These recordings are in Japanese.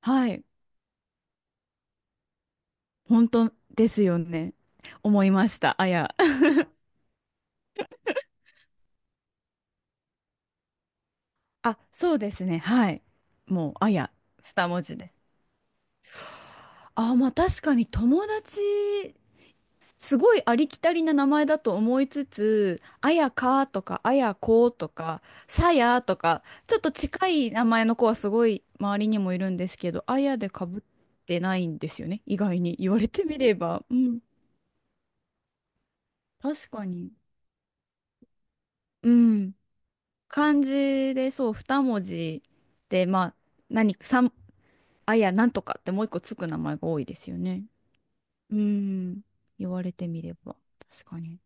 はい。本当ですよね。思いました。あや。あ、そうですね。はい。もう、あや。二文字です。あ、まあ確かに友達、すごいありきたりな名前だと思いつつ、あやかとか、あやことか、さやとか、ちょっと近い名前の子はすごい周りにもいるんですけど、あやでかぶってないんですよね。意外に言われてみれば。うん。確かに。うん。漢字でそう2文字でまあ何か三あいやなんとかってもう一個つく名前が多いですよね。うん、言われてみれば確かに。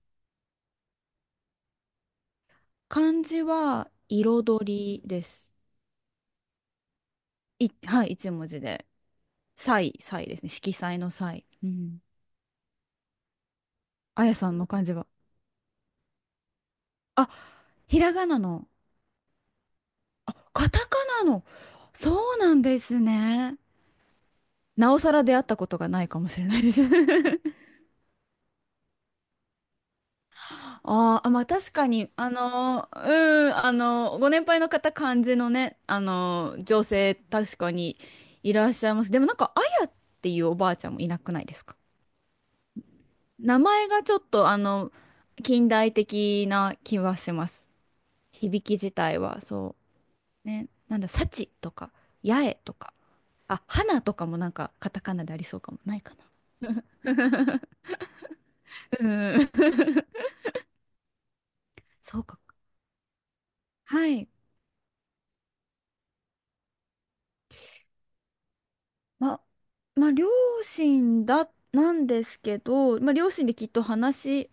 漢字は彩りです。はい、一文字で。彩ですね。色彩の彩。うん。あやさんの漢字は。あ、ひらがなの。あ、カタカナの。そうなんですね。なおさら出会ったことがないかもしれないです。 あーあ、まあ確かに、うん、ご年配の方、感じのね、女性、確かにいらっしゃいます。でもなんか、あやっていうおばあちゃんもいなくないですか？名前がちょっと、あの、近代的な気はします。響き自体は、そう。ね、なんだ、幸とか、八重とか、あ、花とかもなんか、カタカナでありそうかも、ないかな。うん。そうか。はい。ま、まあ、両親だ、なんですけど、まあ、両親できっと話し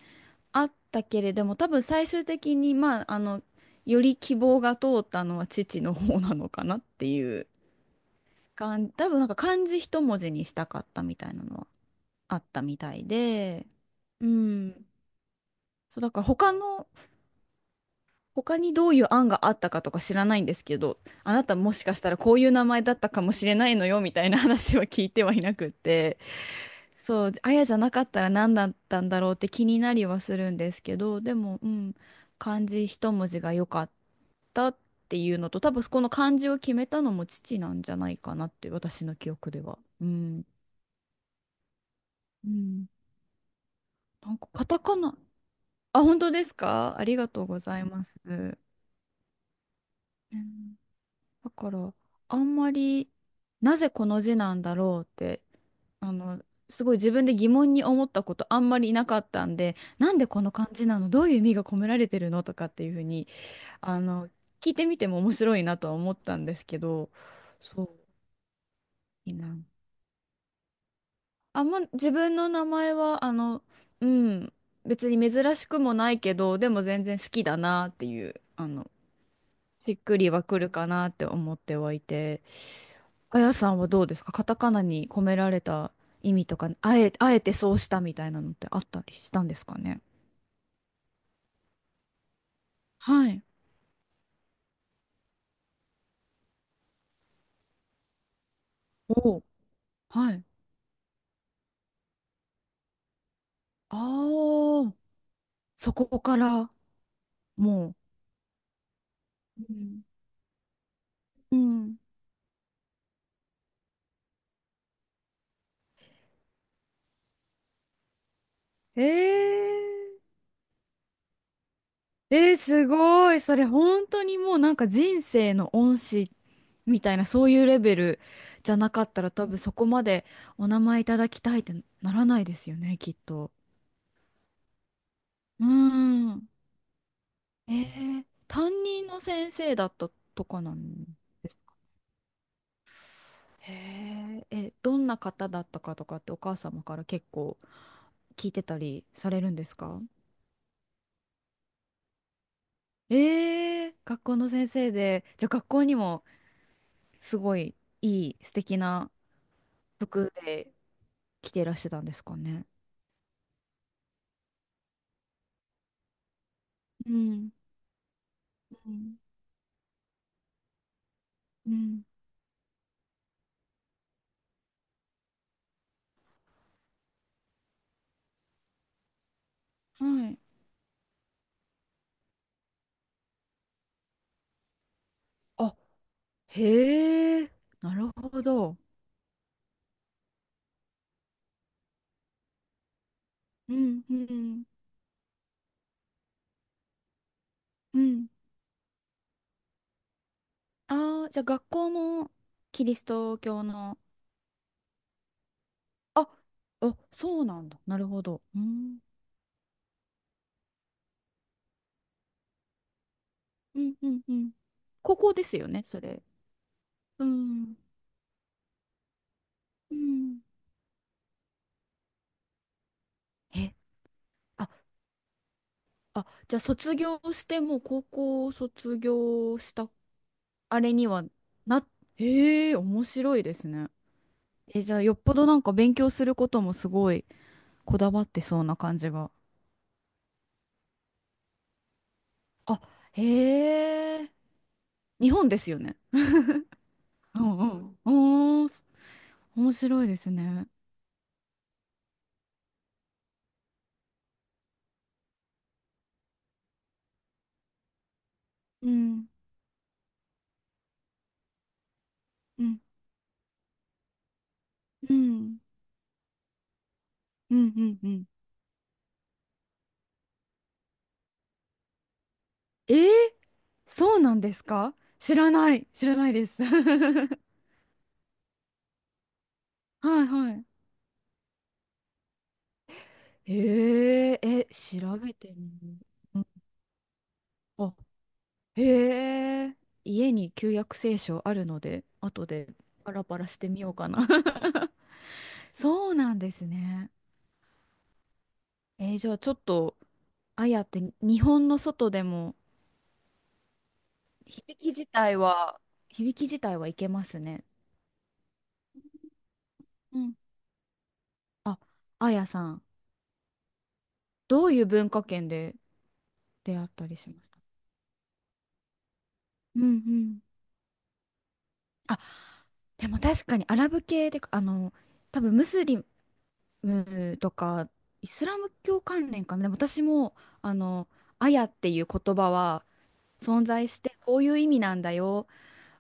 合ったけれども、多分最終的に、まあ、あの、より希望が通ったのは父の方なのかなっていう感じ、多分なんか漢字一文字にしたかったみたいなのはあったみたいで、うん。そう、だから他の、他にどういう案があったかとか知らないんですけど、あなたもしかしたらこういう名前だったかもしれないのよみたいな話は聞いてはいなくて、そう、あやじゃなかったら何だったんだろうって気になりはするんですけど、でも、うん、漢字一文字が良かったっていうのと、多分この漢字を決めたのも父なんじゃないかなって、私の記憶では。うん。うん。なんかカタカナ。あ、本当ですか？ありがとうございます。うん、だから、あんまり、なぜこの字なんだろうって、あの、すごい自分で疑問に思ったことあんまりいなかったんで、なんでこの漢字なの、どういう意味が込められてるのとかっていうふうに、あの、聞いてみても面白いなとは思ったんですけど、そう、いいな。あんま自分の名前は、あの、うん、別に珍しくもないけど、でも全然好きだなっていう、あの、しっくりはくるかなって思ってはいて。あやさんはどうですか？カタカナに込められた意味とか、あえてそうしたみたいなのってあったりしたんですかね？はい。おう。はい。ああ、そこから、もう、うん。う。えー、えー、すごい。それ本当にもうなんか人生の恩師みたいなそういうレベルじゃなかったら多分そこまでお名前いただきたいってならないですよね、きっと。うん。えー、担任の先生だったとかなんですか？へええ、どんな方だったかとかってお母様から結構聞いてたりされるんですか？ええ、学校の先生で、じゃあ学校にもすごいいい素敵な服で着ていらしてたんですかね。うんうんうん。はい。あ、へえ、なるほど。うんうんうん。ああ、じゃあ学校もキリスト教の。あ、あ、そうなんだ。なるほど。うん。うん、うん、うん。高校ですよね、それ。うん。うん。え、あ、あ、じゃあ卒業してもう高校を卒業したあれにはな、へえ、面白いですね。え、じゃあよっぽどなんか勉強することもすごいこだわってそうな感じが。あ、へえ。日本ですよね。うんうん。おー、面白いですね。うん、うん、うん、うん、うん、うん。えー、そうなんですか？知らないです。はいはい。えー、え、調べてみる。うん。あ、へえ、家に旧約聖書あるので、後でパラパラしてみようかな。そうなんですね。えー、じゃあちょっと、あやって日本の外でも、響き自体は、響き自体はいけますね。うん。あ、あやさん、どういう文化圏で出会ったりしました？うんうん。あ、でも確かにアラブ系で、あの、多分ムスリムとかイスラム教関連かな。でも私も、あの、アヤっていう言葉は存在して、こういう意味なんだよ。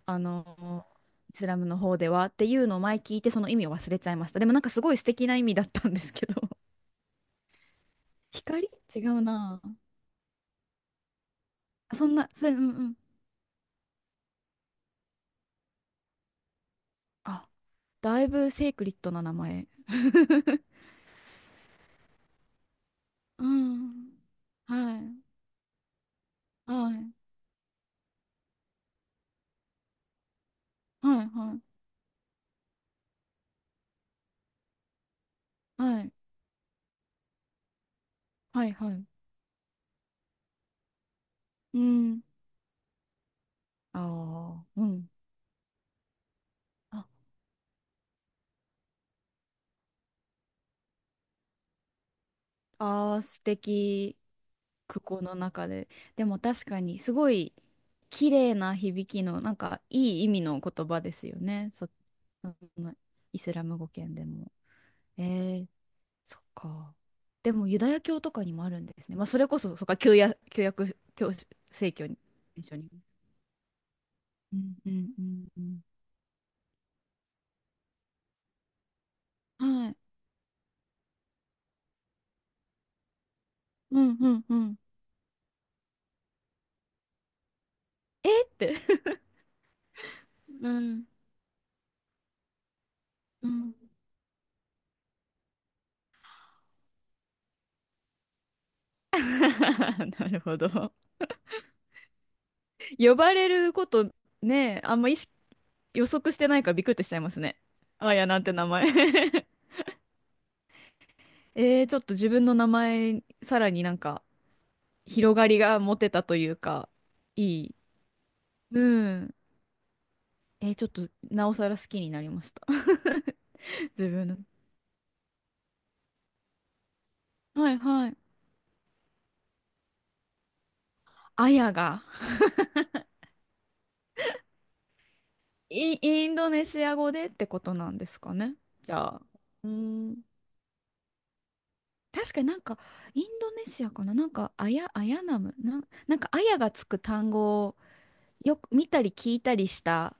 あの、イスラムの方ではっていうのを前聞いて、その意味を忘れちゃいました。でもなんかすごい素敵な意味だったんですけど。光、違うなぁ。あ、そんな、そう、んうん。あ、だいぶセイクリッドな名前。うん。はい。はい。はい。はい。はい。はい、はい。うん。ああ、うん。あ、あー素敵。空港の中で。でも確かに、すごい綺麗な響きの、なんか、いい意味の言葉ですよね。そ、あのイスラム語圏でも。えー、そっか。でも、ユダヤ教とかにもあるんですね。まあ、それこそ、そっか、旧約教聖教に、一緒に。うん、うん、うん、うん。はい。うん、うん、うん。えーって。 うん。うん。 なるほど。呼ばれることね、あんま意識、予測してないからびっくりしちゃいますね。あやなんて名前。 えー、ちょっと自分の名前、さらになんか、広がりが持てたというか、いい。うん。えー、ちょっと、なおさら好きになりました。自分の。はいはい。あやが、インドネシア語でってことなんですかね。じゃあ。うーん。確かになんか、インドネシアかな、なんか、アヤナム、なんか、アヤがつく単語をよく見たり聞いたりした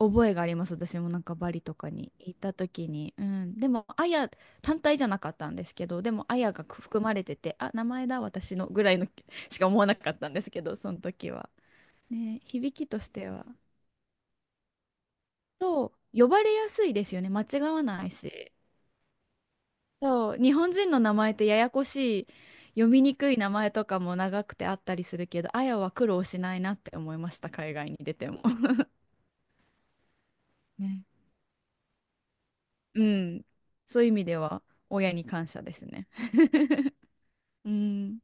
覚えがあります。私もなんかバリとかに行った時に。うん。でも、アヤ単体じゃなかったんですけど、でも、アヤが含まれてて、あ、名前だ、私のぐらいの しか思わなかったんですけど、その時は。ね、響きとしては。と、呼ばれやすいですよね。間違わないし。そう、日本人の名前ってややこしい、読みにくい名前とかも長くてあったりするけど、あやは苦労しないなって思いました、海外に出ても。ね。うん。そういう意味では、親に感謝ですね。うん。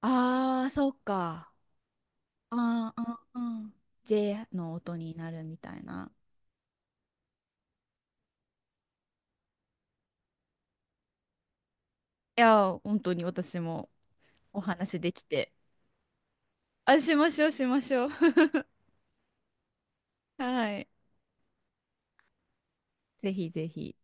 ああ、そっか。ああ、うん、うん。J の音になるみたいな。いや、本当に私もお話できて。あ、しましょう、しましょう。はい。ぜひぜひ。